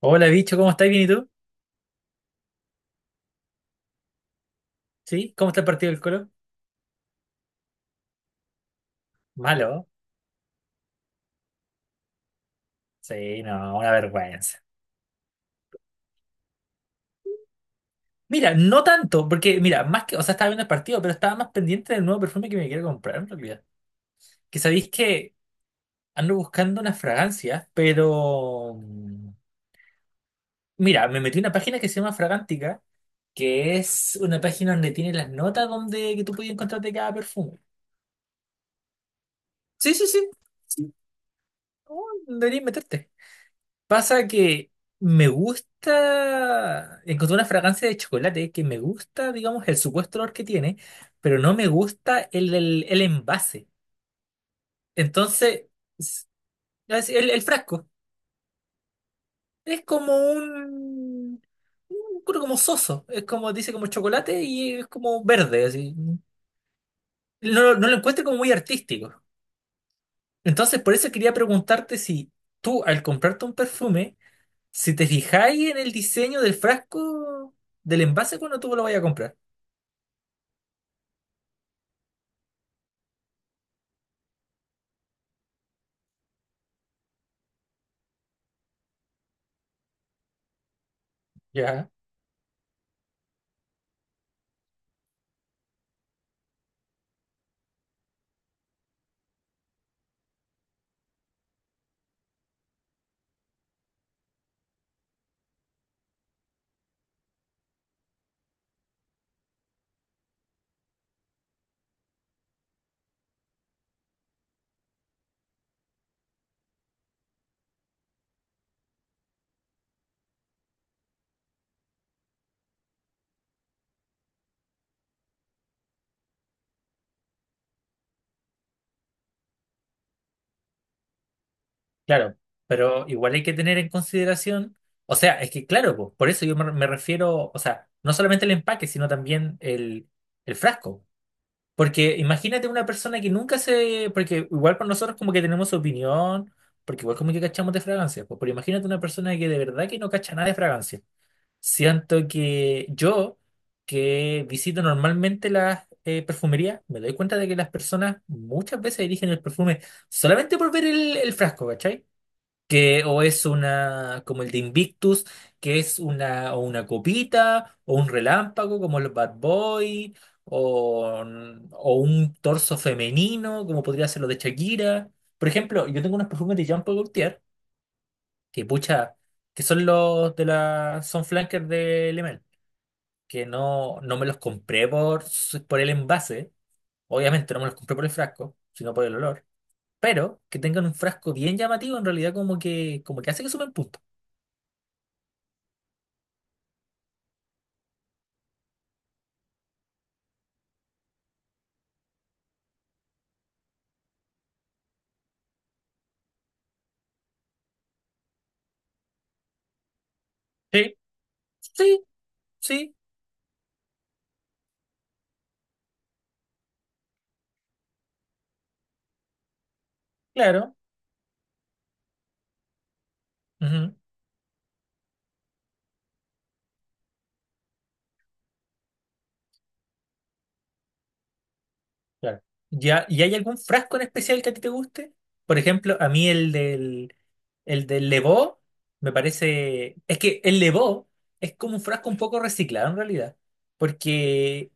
Hola, bicho, ¿cómo estás? ¿Bien y tú? ¿Sí? ¿Cómo está el partido del Colo? Malo. Sí, no, una vergüenza. Mira, no tanto, porque mira, más que, o sea, estaba viendo el partido, pero estaba más pendiente del nuevo perfume que me quiero comprar en realidad. Que sabéis que ando buscando unas fragancias, pero mira, me metí en una página que se llama Fragántica, que es una página donde tiene las notas donde que tú puedes encontrarte cada perfume. Sí, sí, sí. Sí. Oh, deberías meterte. Pasa que me gusta, encontré una fragancia de chocolate que me gusta, digamos, el supuesto olor que tiene, pero no me gusta el envase. Entonces, s- es el frasco es como un creo como soso, es como, dice como chocolate y es como verde, así. No, no lo encuentro como muy artístico. Entonces, por eso quería preguntarte si tú, al comprarte un perfume, si te fijáis en el diseño del frasco, del envase cuando tú lo vayas a comprar. Ya. Claro, pero igual hay que tener en consideración, o sea, es que claro, po, por eso yo me refiero, o sea, no solamente el empaque, sino también el frasco. Porque imagínate una persona que nunca se, porque igual con nosotros como que tenemos opinión, porque igual como que cachamos de fragancias, po, pero imagínate una persona que de verdad que no cacha nada de fragancia. Siento que yo, que visito normalmente las perfumerías, me doy cuenta de que las personas muchas veces eligen el perfume solamente por ver el frasco, ¿cachai? Que o es una, como el de Invictus, que es una, o una copita, o un relámpago, como los Bad Boy, o, o un torso femenino, como podría ser lo de Shakira. Por ejemplo, yo tengo unos perfumes de Jean Paul Gaultier, que pucha, que son los de la, son flankers de Le que no, no me los compré por, por el envase. Obviamente no me los compré por el frasco, sino por el olor. Pero que tengan un frasco bien llamativo, en realidad como que hace que suben puntos. Sí. Sí, sí, claro. Ujú, claro. ¿Ya, y hay algún frasco en especial que a ti te guste? Por ejemplo, a mí el del Levó me parece... Es que el Levó es como un frasco un poco reciclado en realidad. Porque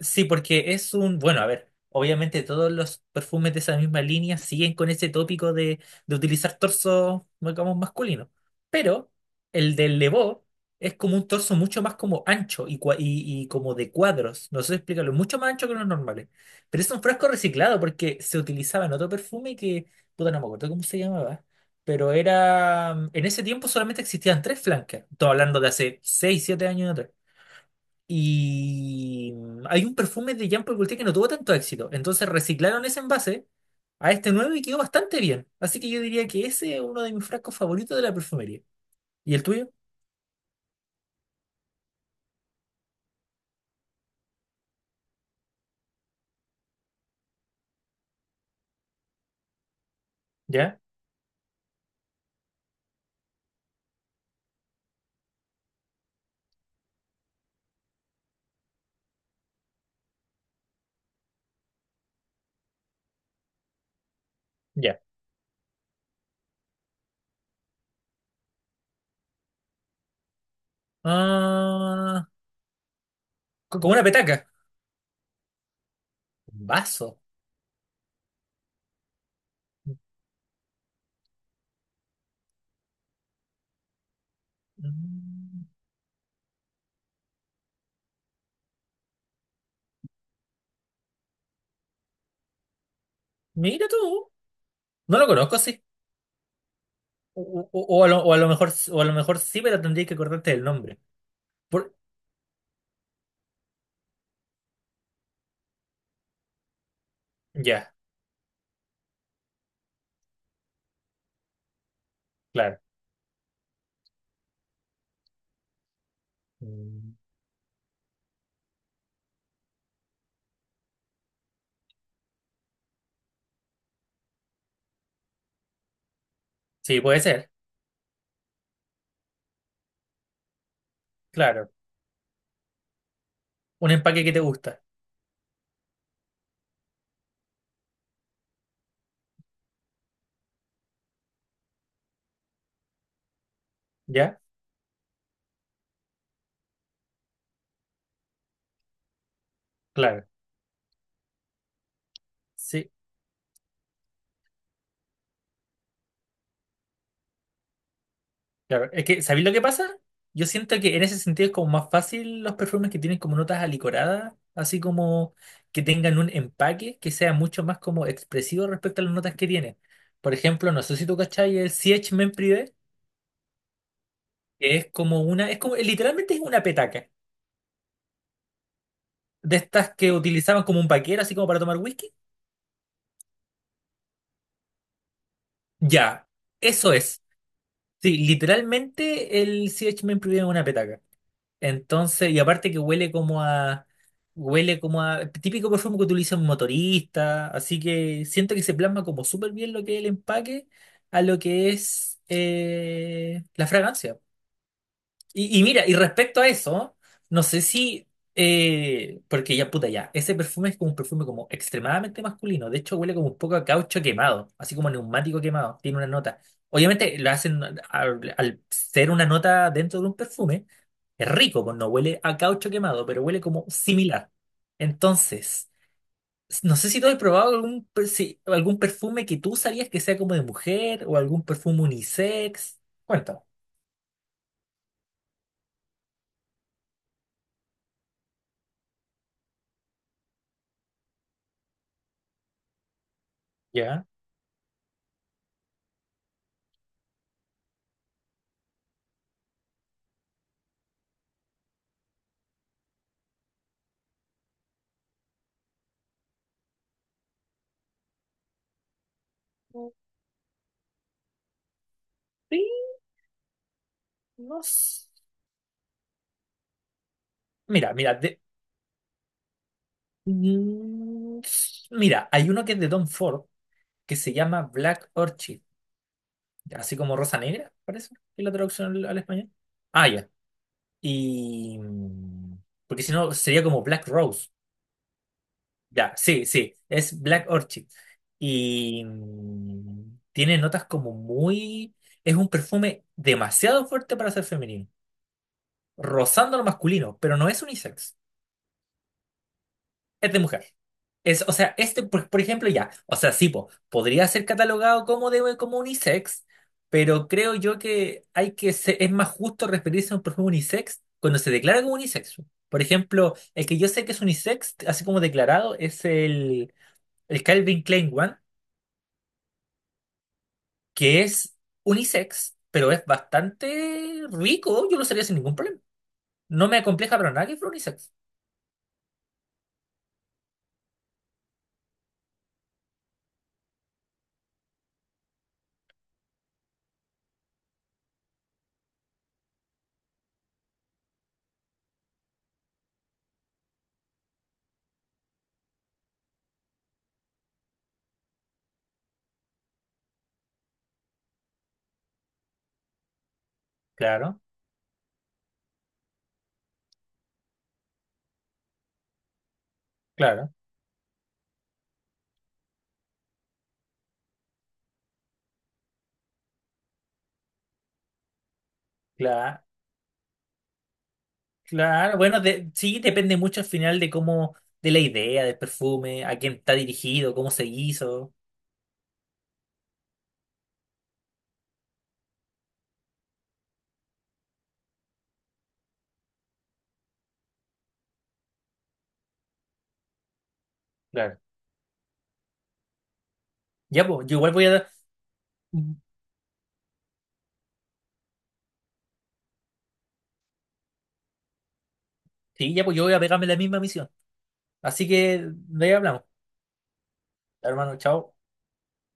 sí, porque es un, bueno, a ver, obviamente todos los perfumes de esa misma línea siguen con ese tópico de utilizar torso, digamos, masculino. Pero el del Levo es como un torso mucho más como ancho y, y como de cuadros, no sé si explicarlo, mucho más ancho que los normales. Pero es un frasco reciclado porque se utilizaba en otro perfume que, puta, no me acuerdo cómo se llamaba. Pero era, en ese tiempo solamente existían tres flancas. Estoy hablando de hace 6 7 años atrás. Y hay un perfume de Jean Paul Gaultier que no tuvo tanto éxito. Entonces reciclaron ese envase a este nuevo y quedó bastante bien. Así que yo diría que ese es uno de mis frascos favoritos de la perfumería. ¿Y el tuyo? ¿Ya? Ya. Ah, como una petaca. Un vaso. Mm, Mira tú. No lo conozco, sí. O, o o a lo mejor, o a lo mejor sí, pero tendría que acordarte del nombre. Por- Ya, claro. Mm, sí, puede ser. Claro. Un empaque que te gusta. ¿Ya? Claro. Sí, claro, es que, ¿sabéis lo que pasa? Yo siento que en ese sentido es como más fácil los perfumes que tienen como notas alicoradas, así como que tengan un empaque que sea mucho más como expresivo respecto a las notas que tienen. Por ejemplo, no sé si tú cachai el CH Men Privé, que es como una, es como, literalmente es una petaca, de estas que utilizaban como un paquero, así como para tomar whisky. Ya, eso es. Sí, literalmente el CH Men Privé es una petaca. Entonces, y aparte que huele como a, típico perfume que utiliza un motorista, así que siento que se plasma como súper bien lo que es el empaque a lo que es la fragancia. Y mira, y respecto a eso, no sé si, porque ya puta ya, ese perfume es como un perfume como extremadamente masculino, de hecho huele como un poco a caucho quemado, así como a neumático quemado, tiene una nota. Obviamente lo hacen al ser una nota dentro de un perfume, es rico, pues no huele a caucho quemado, pero huele como similar. Entonces, no sé si tú has probado algún algún perfume que tú sabías que sea como de mujer o algún perfume unisex. Cuéntame. ¿Ya? Sí, no sé. Mira, Mm, mira, hay uno que es de Don Ford que se llama Black Orchid, así como Rosa Negra, parece, que es la traducción al español. Ah, ya. Y porque si no sería como Black Rose. Ya, sí, sí, es Black Orchid. Y tiene notas como muy... Es un perfume demasiado fuerte para ser femenino, rozando lo masculino, pero no es unisex. Es de mujer. Es, o sea, este, por ejemplo, ya, o sea, sí, po, podría ser catalogado como de como unisex, pero creo yo que hay que es más justo referirse a un perfume unisex cuando se declara como unisex. Por ejemplo, el que yo sé que es unisex, así como declarado, es el Calvin Klein One, que es unisex, pero es bastante rico, yo lo usaría sin ningún problema. No me acompleja para nada que fuera unisex. Claro, claro, claro. Claro, bueno, de- sí, depende mucho al final de cómo, de la idea del perfume, a quién está dirigido, cómo se hizo. Claro. Ya, pues, yo igual voy a... Sí, ya, pues yo voy a pegarme la misma misión. Así que de ahí hablamos. Hermano, chao.